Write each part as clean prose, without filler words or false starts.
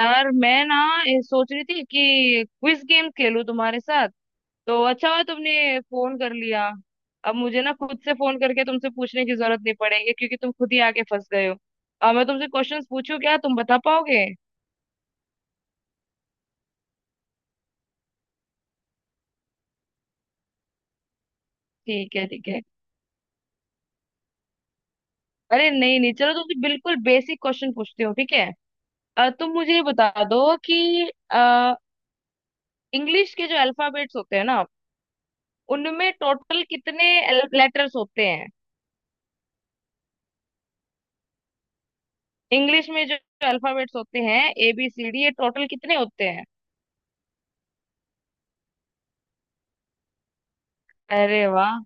यार मैं ना ये सोच रही थी कि क्विज गेम खेलूं तुम्हारे साथ। तो अच्छा हुआ तुमने फोन कर लिया। अब मुझे ना खुद से फोन करके तुमसे पूछने की जरूरत नहीं पड़ेगी क्योंकि तुम खुद ही आके फंस गए हो। अब मैं तुमसे क्वेश्चंस पूछूं, क्या तुम बता पाओगे? ठीक है, ठीक है। अरे नहीं नहीं, चलो तुमसे बिल्कुल बेसिक क्वेश्चन पूछती हूँ, ठीक है। तुम मुझे ये बता दो कि इंग्लिश के जो अल्फाबेट्स होते हैं ना, उनमें टोटल कितने लेटर्स होते हैं? इंग्लिश में जो अल्फाबेट्स होते हैं, ए बी सी डी, ये टोटल कितने होते हैं? अरे वाह!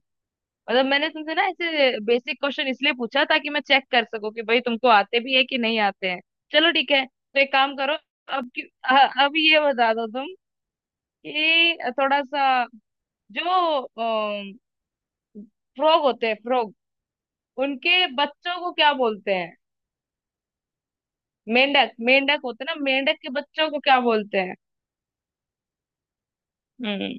मतलब मैंने तुमसे ना ऐसे बेसिक क्वेश्चन इसलिए पूछा ताकि मैं चेक कर सकूं कि भाई तुमको आते भी है कि नहीं आते हैं। चलो ठीक है, तो एक काम करो। अब ये बता दो तुम कि थोड़ा सा, जो फ्रॉग होते हैं फ्रॉग, उनके बच्चों को क्या बोलते हैं? मेंढक, मेंढक होते हैं ना, मेंढक के बच्चों को क्या बोलते हैं? हम्म।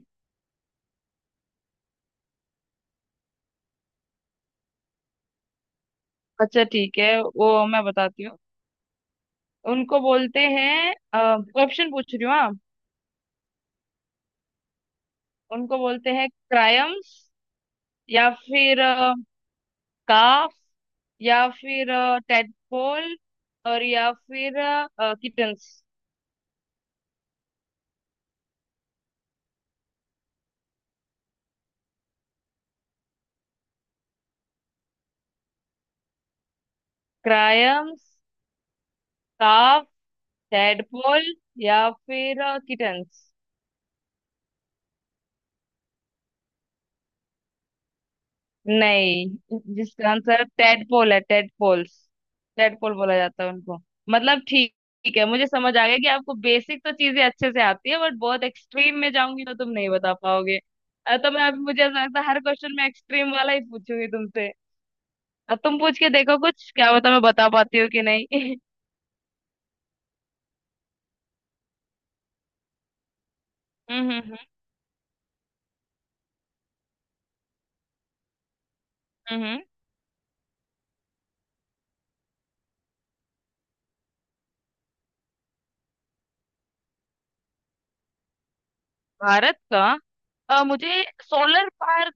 अच्छा ठीक है, वो मैं बताती हूँ। उनको बोलते हैं, ऑप्शन पूछ रही हूँ, हाँ। उनको बोलते हैं क्रायम्स, या फिर काफ, या फिर टेडपोल, और या फिर किटन्स। क्रायम्स, काफ, टेडपोल, या फिर किटन्स। नहीं, जिसका आंसर टेडपोल है, टेडपोल्स, टेडपोल बोला जाता है उनको। मतलब ठीक, ठीक है, मुझे समझ आ गया कि आपको बेसिक तो चीजें अच्छे से आती है, बट बहुत एक्सट्रीम में जाऊंगी तो तुम नहीं बता पाओगे। तो मैं अभी, मुझे ऐसा लगता है हर क्वेश्चन में एक्सट्रीम वाला ही पूछूंगी तुमसे। अब तुम पूछ के देखो कुछ, क्या पता मैं बता पाती हूँ कि नहीं। हम्म। हम्म। भारत का, मुझे सोलर पार्क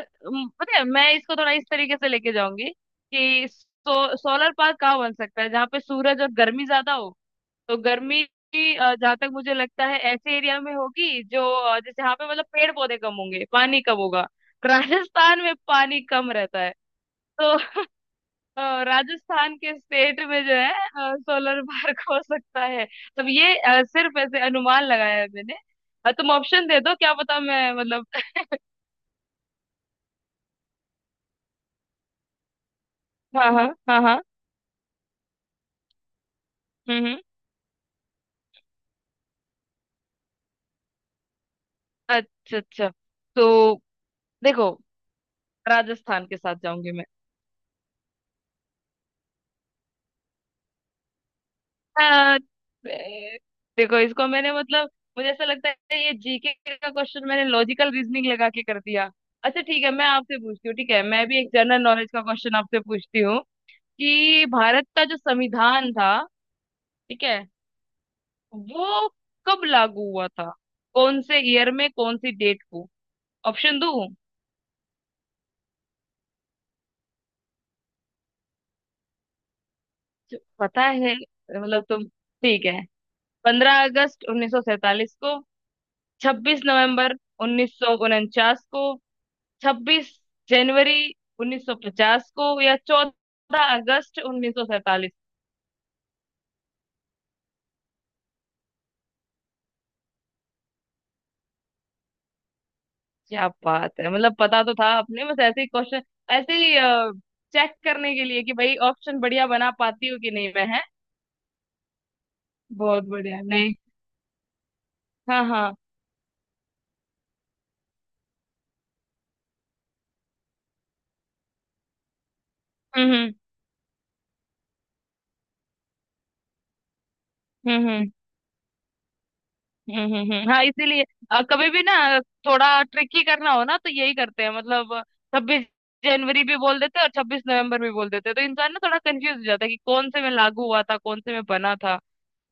पता है, मैं इसको थोड़ा इस तरीके से लेके जाऊंगी कि सोलर पार्क कहाँ बन सकता है? जहाँ पे सूरज और गर्मी ज्यादा हो। तो गर्मी भी, जहाँ तक मुझे लगता है ऐसे एरिया में होगी जो, जैसे यहाँ पे मतलब पेड़ पौधे कम होंगे, पानी कम होगा। राजस्थान में पानी कम रहता है। तो अ, राजस्थान के स्टेट में जो है सोलर पार्क हो सकता है। तब ये सिर्फ ऐसे अनुमान लगाया है मैंने। तुम ऑप्शन दे दो, क्या पता मैं मतलब। हाँ हाँ हाँ हाँ। हम्म हम्म। अच्छा अच्छा। तो देखो, राजस्थान के साथ जाऊंगी मैं। अ, ए, देखो, इसको मैंने मतलब, मुझे ऐसा लगता है ये जीके का क्वेश्चन मैंने लॉजिकल रीजनिंग लगा के कर दिया। अच्छा ठीक है, मैं आपसे पूछती हूँ, ठीक है, मैं भी एक जनरल नॉलेज का क्वेश्चन आपसे पूछती हूँ कि भारत का जो संविधान था, ठीक है, वो कब लागू हुआ था? कौन से ईयर में, कौन सी डेट को? ऑप्शन दूं जो पता है, मतलब तुम, ठीक है। 15 अगस्त 1947 को, 26 नवंबर 1949 को, 26 जनवरी 1950 को, या 14 अगस्त 1947। क्या बात है, मतलब पता तो था आपने। बस ऐसे ही क्वेश्चन, ऐसे ही चेक करने के लिए कि भाई ऑप्शन बढ़िया बना पाती हूँ कि नहीं मैं, है? बहुत बढ़िया। नहीं। हाँ हाँ। हम्म हम्म। हाँ, इसीलिए कभी भी ना, थोड़ा ट्रिकी करना हो ना तो यही करते हैं। मतलब 26 जनवरी भी बोल देते हैं और 26 नवंबर भी बोल देते हैं, तो इंसान ना थोड़ा कंफ्यूज हो जाता है कि कौन से में लागू हुआ था, कौन से में बना था।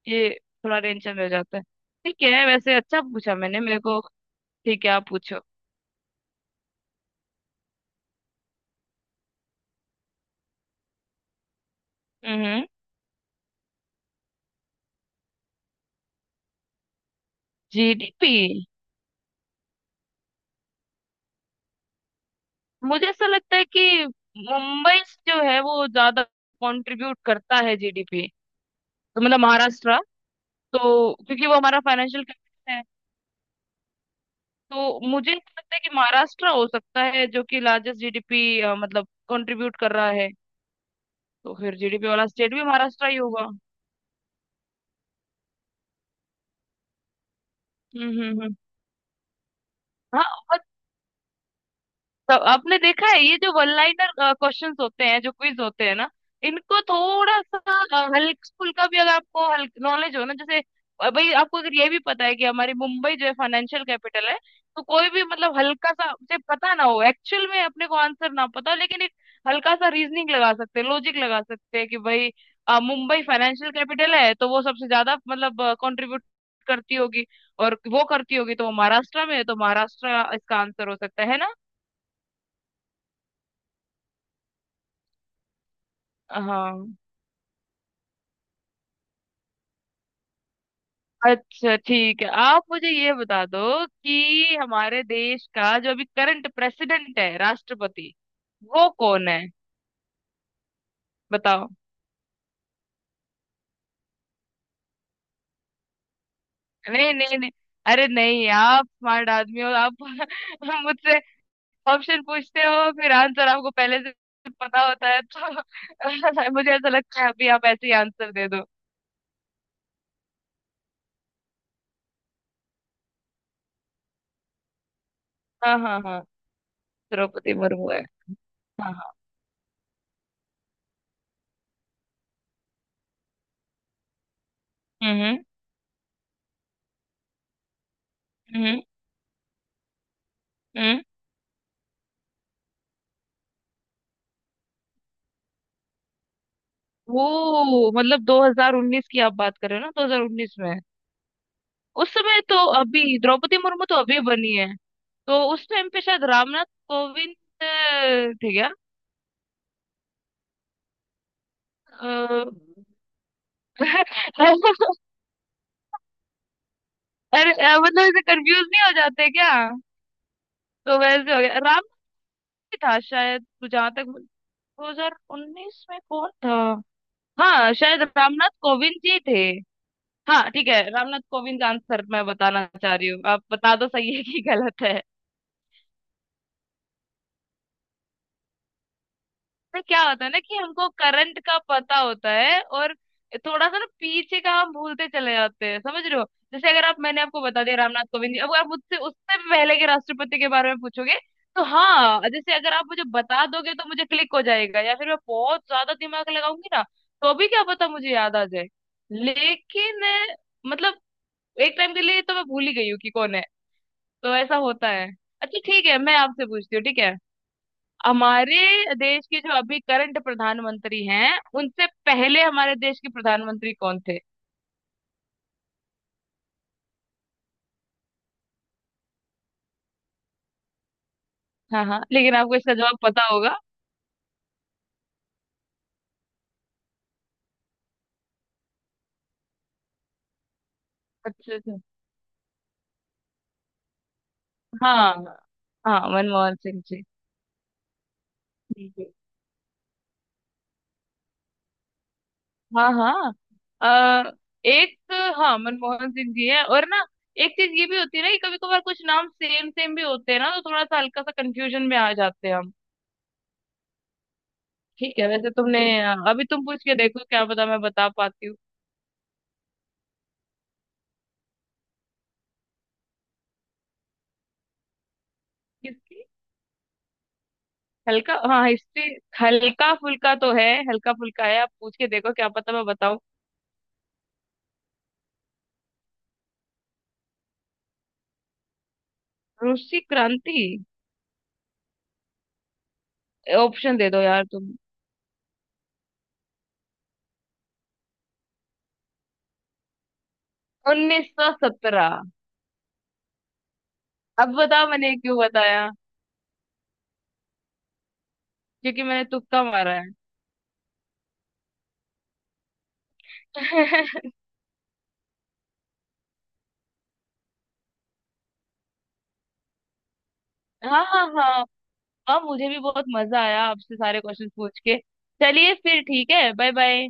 ये थोड़ा टेंशन हो जाता है। ठीक है, वैसे अच्छा पूछा मैंने मेरे को। ठीक है, आप पूछो। हम्म। जीडीपी। मुझे ऐसा लगता है कि मुंबई जो है वो ज्यादा कंट्रीब्यूट करता है जीडीपी, तो मतलब महाराष्ट्र, तो क्योंकि वो हमारा फाइनेंशियल, तो मुझे ऐसा लगता है कि महाराष्ट्र हो सकता है जो कि लार्जेस्ट जीडीपी मतलब कंट्रीब्यूट कर रहा है, तो फिर जीडीपी वाला स्टेट भी महाराष्ट्र ही होगा। हम्म। हाँ, तो आपने देखा है ये जो वन लाइनर क्वेश्चंस होते हैं, जो क्विज होते हैं ना, इनको थोड़ा सा हल्क स्कूल का भी अगर आपको हल्क नॉलेज हो ना, जैसे भाई आपको अगर ये भी पता है कि हमारी मुंबई जो है फाइनेंशियल कैपिटल है, तो कोई भी मतलब, हल्का सा मुझे पता ना हो एक्चुअल में, अपने को आंसर ना पता हो, लेकिन एक हल्का सा रीजनिंग लगा सकते हैं, लॉजिक लगा सकते हैं कि भाई मुंबई फाइनेंशियल कैपिटल है, तो वो सबसे ज्यादा मतलब कंट्रीब्यूट करती होगी, और वो करती होगी तो वो महाराष्ट्र में है, तो महाराष्ट्र इसका आंसर हो सकता है ना? हाँ। अच्छा ठीक है, आप मुझे ये बता दो कि हमारे देश का जो अभी करंट प्रेसिडेंट है, राष्ट्रपति, वो कौन है? बताओ। नहीं नहीं नहीं, अरे नहीं, आप स्मार्ट आदमी हो आप, मुझसे ऑप्शन पूछते हो, फिर आंसर आपको पहले से पता होता है, तो मुझे ऐसा लगता है अभी आप ऐसे ही आंसर दे दो। हाँ हाँ हाँ, द्रौपदी मुर्मू है। हाँ हाँ। हम्म हम्म हम्म। हम्म। वो मतलब 2019 की आप बात कर रहे हो ना, 2019 में उस समय तो, अभी द्रौपदी मुर्मू तो अभी बनी है, तो उस टाइम पे शायद रामनाथ कोविंद अ, थे क्या? अ, अरे मतलब ऐसे कंफ्यूज नहीं हो जाते क्या? तो वैसे हो गया, राम ही था शायद, जहां तक, 2019 में कौन था। हाँ शायद रामनाथ कोविंद जी थे। हाँ ठीक है, रामनाथ कोविंद का आंसर मैं बताना चाह रही हूँ, आप बता दो सही है कि गलत है। पर क्या होता है ना कि हमको करंट का पता होता है, और थोड़ा सा ना पीछे का हम भूलते चले जाते हैं, समझ रहे हो? जैसे अगर आप, मैंने आपको बता दिया रामनाथ कोविंद जी, अब आप मुझसे उससे भी पहले के राष्ट्रपति के बारे में पूछोगे, तो हाँ, जैसे अगर आप मुझे बता दोगे तो मुझे क्लिक हो जाएगा, या फिर मैं बहुत ज्यादा दिमाग लगाऊंगी ना, तो भी क्या पता मुझे याद आ जाए। लेकिन मतलब एक टाइम के लिए तो मैं भूल ही गई हूँ कि कौन है। तो ऐसा होता है। अच्छा ठीक है, मैं आपसे पूछती हूँ, ठीक है। हमारे देश के जो अभी करंट प्रधानमंत्री हैं, उनसे पहले हमारे देश के प्रधानमंत्री कौन थे? हाँ हाँ, लेकिन आपको इसका जवाब पता होगा। अच्छा अच्छा। हाँ हाँ, मनमोहन सिंह जी। ठीक है। हाँ हाँ। अ, एक हाँ मनमोहन सिंह जी है। और ना, एक चीज ये भी होती है ना कि कभी कभार कुछ नाम सेम सेम भी होते हैं ना, तो थोड़ा सा हल्का सा कंफ्यूजन में आ जाते हैं हम। ठीक है, वैसे तुमने, अभी तुम पूछ के देखो, क्या पता मैं बता पाती हूँ। हल्का, हाँ, हिस्ट्री हल्का फुल्का तो है। हल्का फुल्का है, आप पूछ के देखो, क्या पता मैं बताऊं। रूसी क्रांति, ऑप्शन दे दो यार तुम। 1917। अब बताओ मैंने क्यों बताया? क्योंकि मैंने तुक्का मारा है। हाँ हाँ हाँ। हाँ, मुझे भी बहुत मजा आया आपसे सारे क्वेश्चन पूछ के। चलिए फिर, ठीक है, बाय बाय।